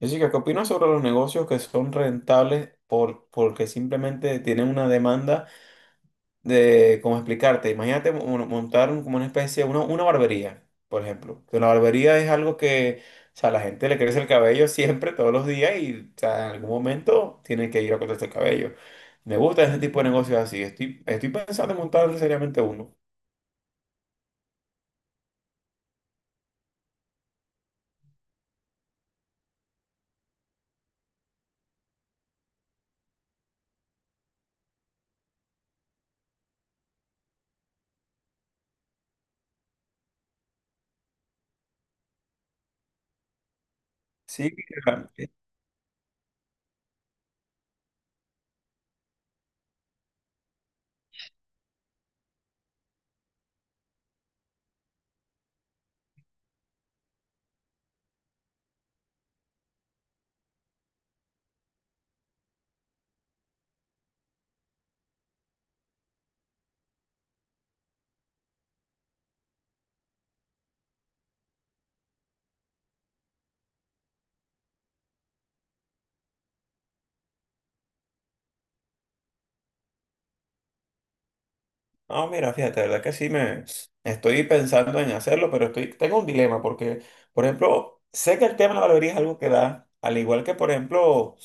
Jessica, ¿qué opinas sobre los negocios que son rentables porque simplemente tienen una demanda de, cómo explicarte, imagínate montar como una especie, una barbería, por ejemplo, que la barbería es algo que, o sea, la gente le crece el cabello siempre, todos los días y, o sea, en algún momento tienen que ir a cortarse el cabello. Me gusta ese tipo de negocios así, estoy pensando en montar seriamente uno. Sí. No, mira, fíjate, la verdad que sí me estoy pensando en hacerlo, pero estoy, tengo un dilema porque, por ejemplo, sé que el tema de la barbería es algo que da, al igual que, por ejemplo,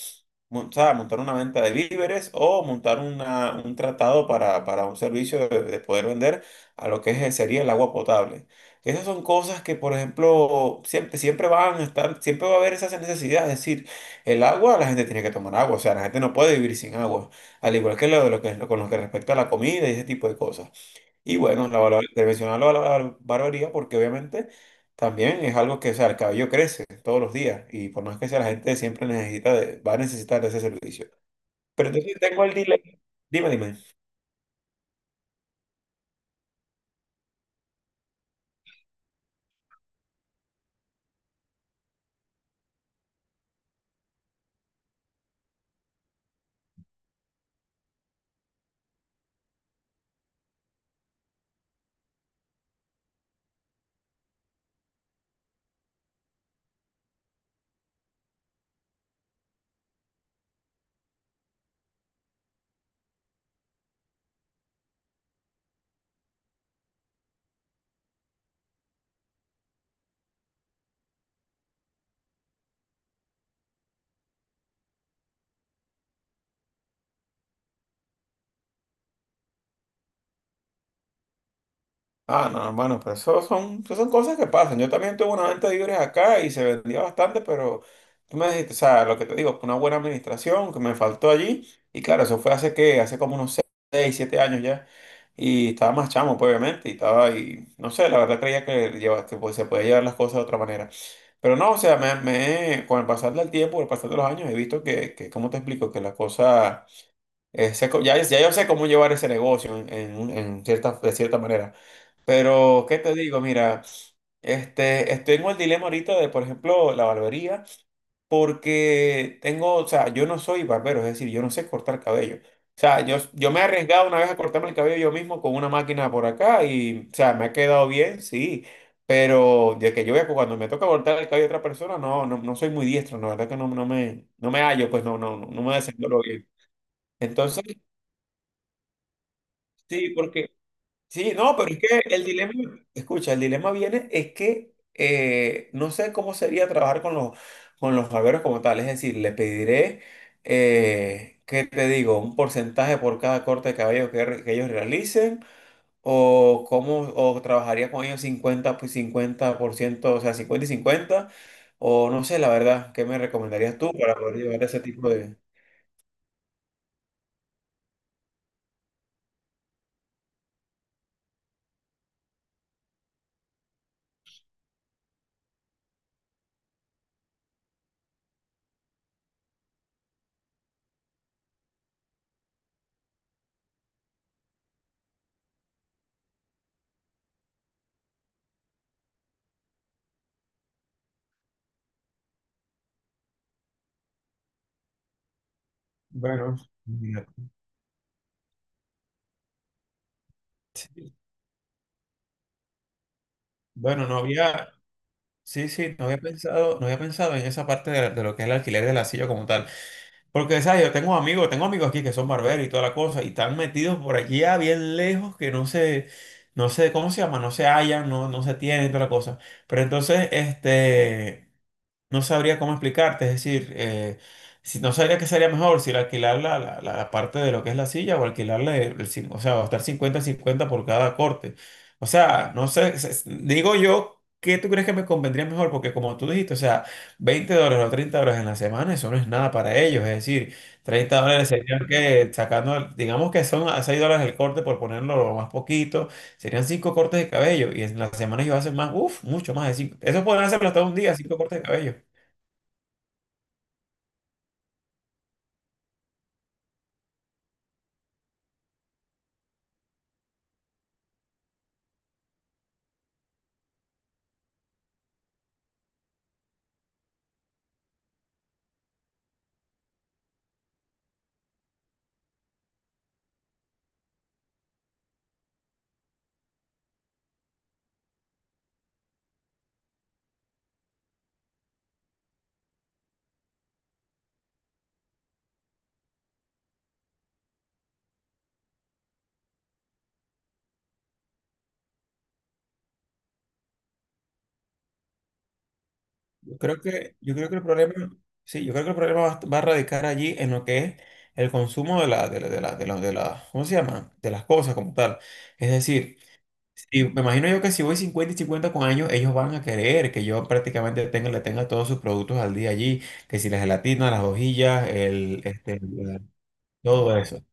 o sea, montar una venta de víveres o montar una, un tratado para un servicio de poder vender a lo que sería el agua potable. Esas son cosas que, por ejemplo, siempre van a estar, siempre va a haber esa necesidad. Es decir, el agua, la gente tiene que tomar agua, o sea, la gente no puede vivir sin agua al igual que lo de lo que es lo- con lo que respecta a la comida y ese tipo de cosas. Y bueno, te mencionaba la, barbería porque obviamente también es algo que, o sea, el cabello crece todos los días y por más que sea, la gente siempre necesita va a necesitar de ese servicio. Pero entonces tengo el dilema, dime, dime. Ah, no, hermano, pero eso son cosas que pasan. Yo también tuve una venta de libros acá y se vendía bastante, pero tú me dijiste, o sea, lo que te digo, fue una buena administración que me faltó allí. Y claro, eso fue hace como unos 6, 7 años ya. Y estaba más chamo, pues, obviamente, y estaba ahí, no sé, la verdad creía que pues, se podía llevar las cosas de otra manera. Pero no, o sea, con el pasar del tiempo, con el pasar de los años, he visto que ¿cómo te explico? Que las cosas, ya yo sé cómo llevar ese negocio en cierta, de cierta manera. Pero, ¿qué te digo? Mira, este, estoy en el dilema ahorita de, por ejemplo, la barbería, porque tengo, o sea, yo no soy barbero, es decir, yo no sé cortar cabello. O sea, yo me he arriesgado una vez a cortarme el cabello yo mismo con una máquina por acá y, o sea, me ha quedado bien, sí, pero de que yo vea que cuando me toca cortar el cabello a otra persona, no, no, no soy muy diestro, la verdad que no, no me hallo, pues no, no, no no me desenvuelvo bien. Entonces, sí, porque... Sí, no, pero es que el dilema, escucha, el dilema viene es que no sé cómo sería trabajar con con los barberos como tal, es decir, le pediré, ¿qué te digo? Un porcentaje por cada corte de cabello que ellos realicen, o cómo, o trabajaría con ellos 50 pues 50%, o sea, 50 y 50 o no sé, la verdad, ¿qué me recomendarías tú para poder llevar ese tipo de... Bueno, de- bueno, no había, sí, sí, no había pensado en esa parte de lo que es el alquiler de la silla como tal. Porque, ¿sabes? Yo tengo amigos aquí que son barberos y toda la cosa, y están metidos por aquí a bien lejos que no sé, ¿cómo se llama? No se hallan, no, no se tienen y toda la cosa. Pero entonces, este. No sabría cómo explicarte, es decir, si, no sabría qué sería mejor, si el alquilar la parte de lo que es la silla o alquilarle, o sea, gastar cincuenta cincuenta por cada corte. O sea, no sé, digo yo, ¿qué tú crees que me convendría mejor? Porque como tú dijiste, o sea, $20 o $30 en la semana, eso no es nada para ellos, es decir, $30 serían que sacando, digamos que son a $6 el corte por ponerlo lo más poquito, serían 5 cortes de cabello y en la semana ellos hacen más, uff, mucho más de 5. Eso podrían hacerlo hasta un día, 5 cortes de cabello. Yo creo que el problema, sí, yo creo que el problema va, va a radicar allí en lo que es el consumo de la, ¿cómo se llama? De las cosas como tal. Es decir, si- me imagino yo que si voy 50 y 50 con años, ellos van a querer que yo prácticamente tenga, le tenga todos sus productos al día allí, que si la gelatina, las hojillas, el, este, la- todo eso.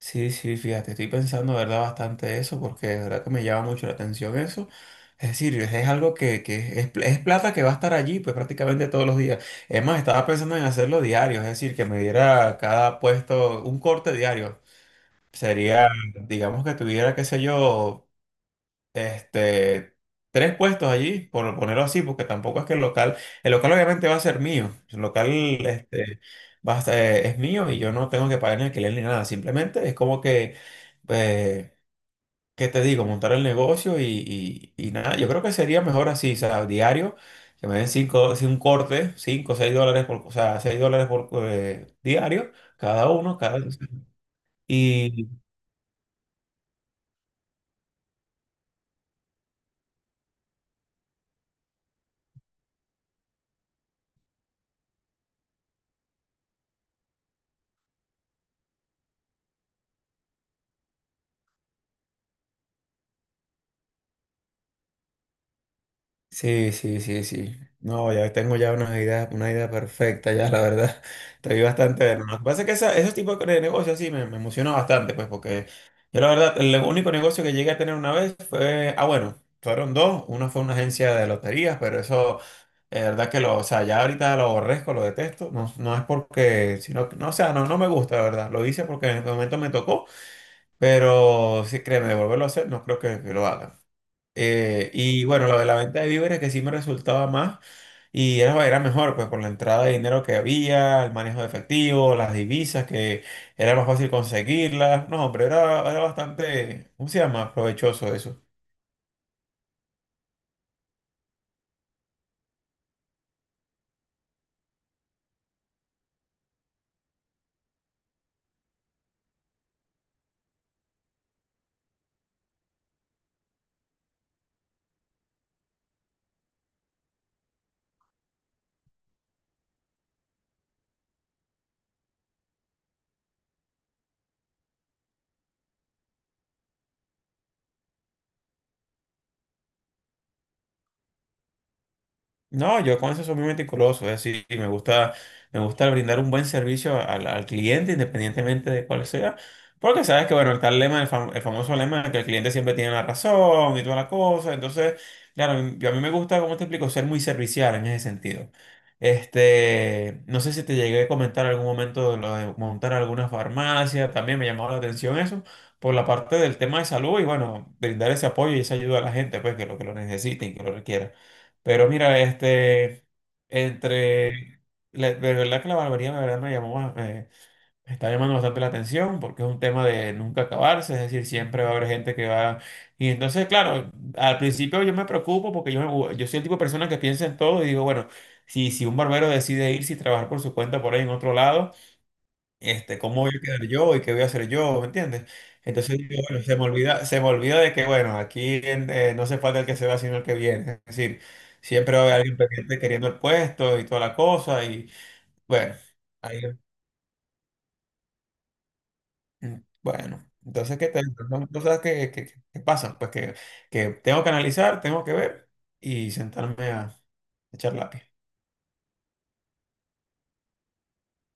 Sí, sí, fíjate, estoy pensando, ¿verdad? Bastante eso, porque de verdad que me llama mucho la atención eso. Es decir, es algo es plata que va a estar allí, pues prácticamente todos los días. Es más, estaba pensando en hacerlo diario, es decir, que me diera cada puesto un corte diario. Sería, digamos que tuviera, qué sé yo, este, tres puestos allí, por ponerlo así, porque tampoco es que el local obviamente va a ser mío, el local este, va a es mío y yo no tengo que pagar ni alquiler ni nada, simplemente es como que, eh, ¿qué te digo? Montar el negocio y nada, yo creo que sería mejor así, o sea, diario, que me den cinco, sí, un corte, cinco, seis dólares por, o sea, $6 por diario, cada uno, cada... Sí, sí, sí, sí. No, ya tengo ya una idea perfecta, ya la verdad. Estoy bastante de lo que pasa es que esos tipos de negocios sí me emociona bastante, pues, porque yo la verdad, el único negocio que llegué a tener una vez fue, ah, bueno, fueron dos. Una fue una agencia de loterías, pero eso, la verdad que lo, o sea, ya ahorita lo aborrezco, lo detesto. No, no es porque, sino, que- no, o sea, no, no me gusta, la verdad. Lo hice porque en el momento me tocó, pero sí, créeme, volverlo a hacer, no creo que lo haga. Y bueno, lo de la venta de víveres que sí me resultaba más y era mejor, pues por la entrada de dinero que había, el manejo de efectivo, las divisas que era más fácil conseguirlas. No, hombre, era bastante, ¿cómo se llama? Provechoso eso. No, yo con eso soy muy meticuloso, es decir, me gusta brindar un buen servicio al cliente, independientemente de cuál sea, porque sabes que, bueno, está el lema, el famoso lema de que el cliente siempre tiene la razón y toda la cosa, entonces, claro, yo a mí me gusta, como te explico, ser muy servicial en ese sentido. Este, no sé si te llegué a comentar en algún momento de lo de montar alguna farmacia, también me llamó la atención eso, por la parte del tema de salud y, bueno, brindar ese apoyo y esa ayuda a la gente, pues, que lo necesiten, que lo requieran. Pero mira, este, entre, la- de verdad que la barbería de verdad me llamó, me está llamando bastante la atención porque es un tema de nunca acabarse, es decir, siempre va a haber gente que va. Y entonces, claro, al principio yo me preocupo porque yo soy el tipo de persona que piensa en todo y digo, bueno, si un barbero decide irse y trabajar por su cuenta por ahí en otro lado, este, cómo voy a quedar yo y qué voy a hacer yo, ¿me entiendes? Entonces, yo, bueno, se me olvida de que, bueno, aquí no se falta el que se va, sino el que viene. Es decir, siempre va a haber alguien pendiente queriendo el puesto y toda la cosa y, bueno, ahí, mm, bueno. Entonces, ¿qué tal? Son cosas que pasan, pues que tengo que analizar, tengo que ver y sentarme a echar lápiz.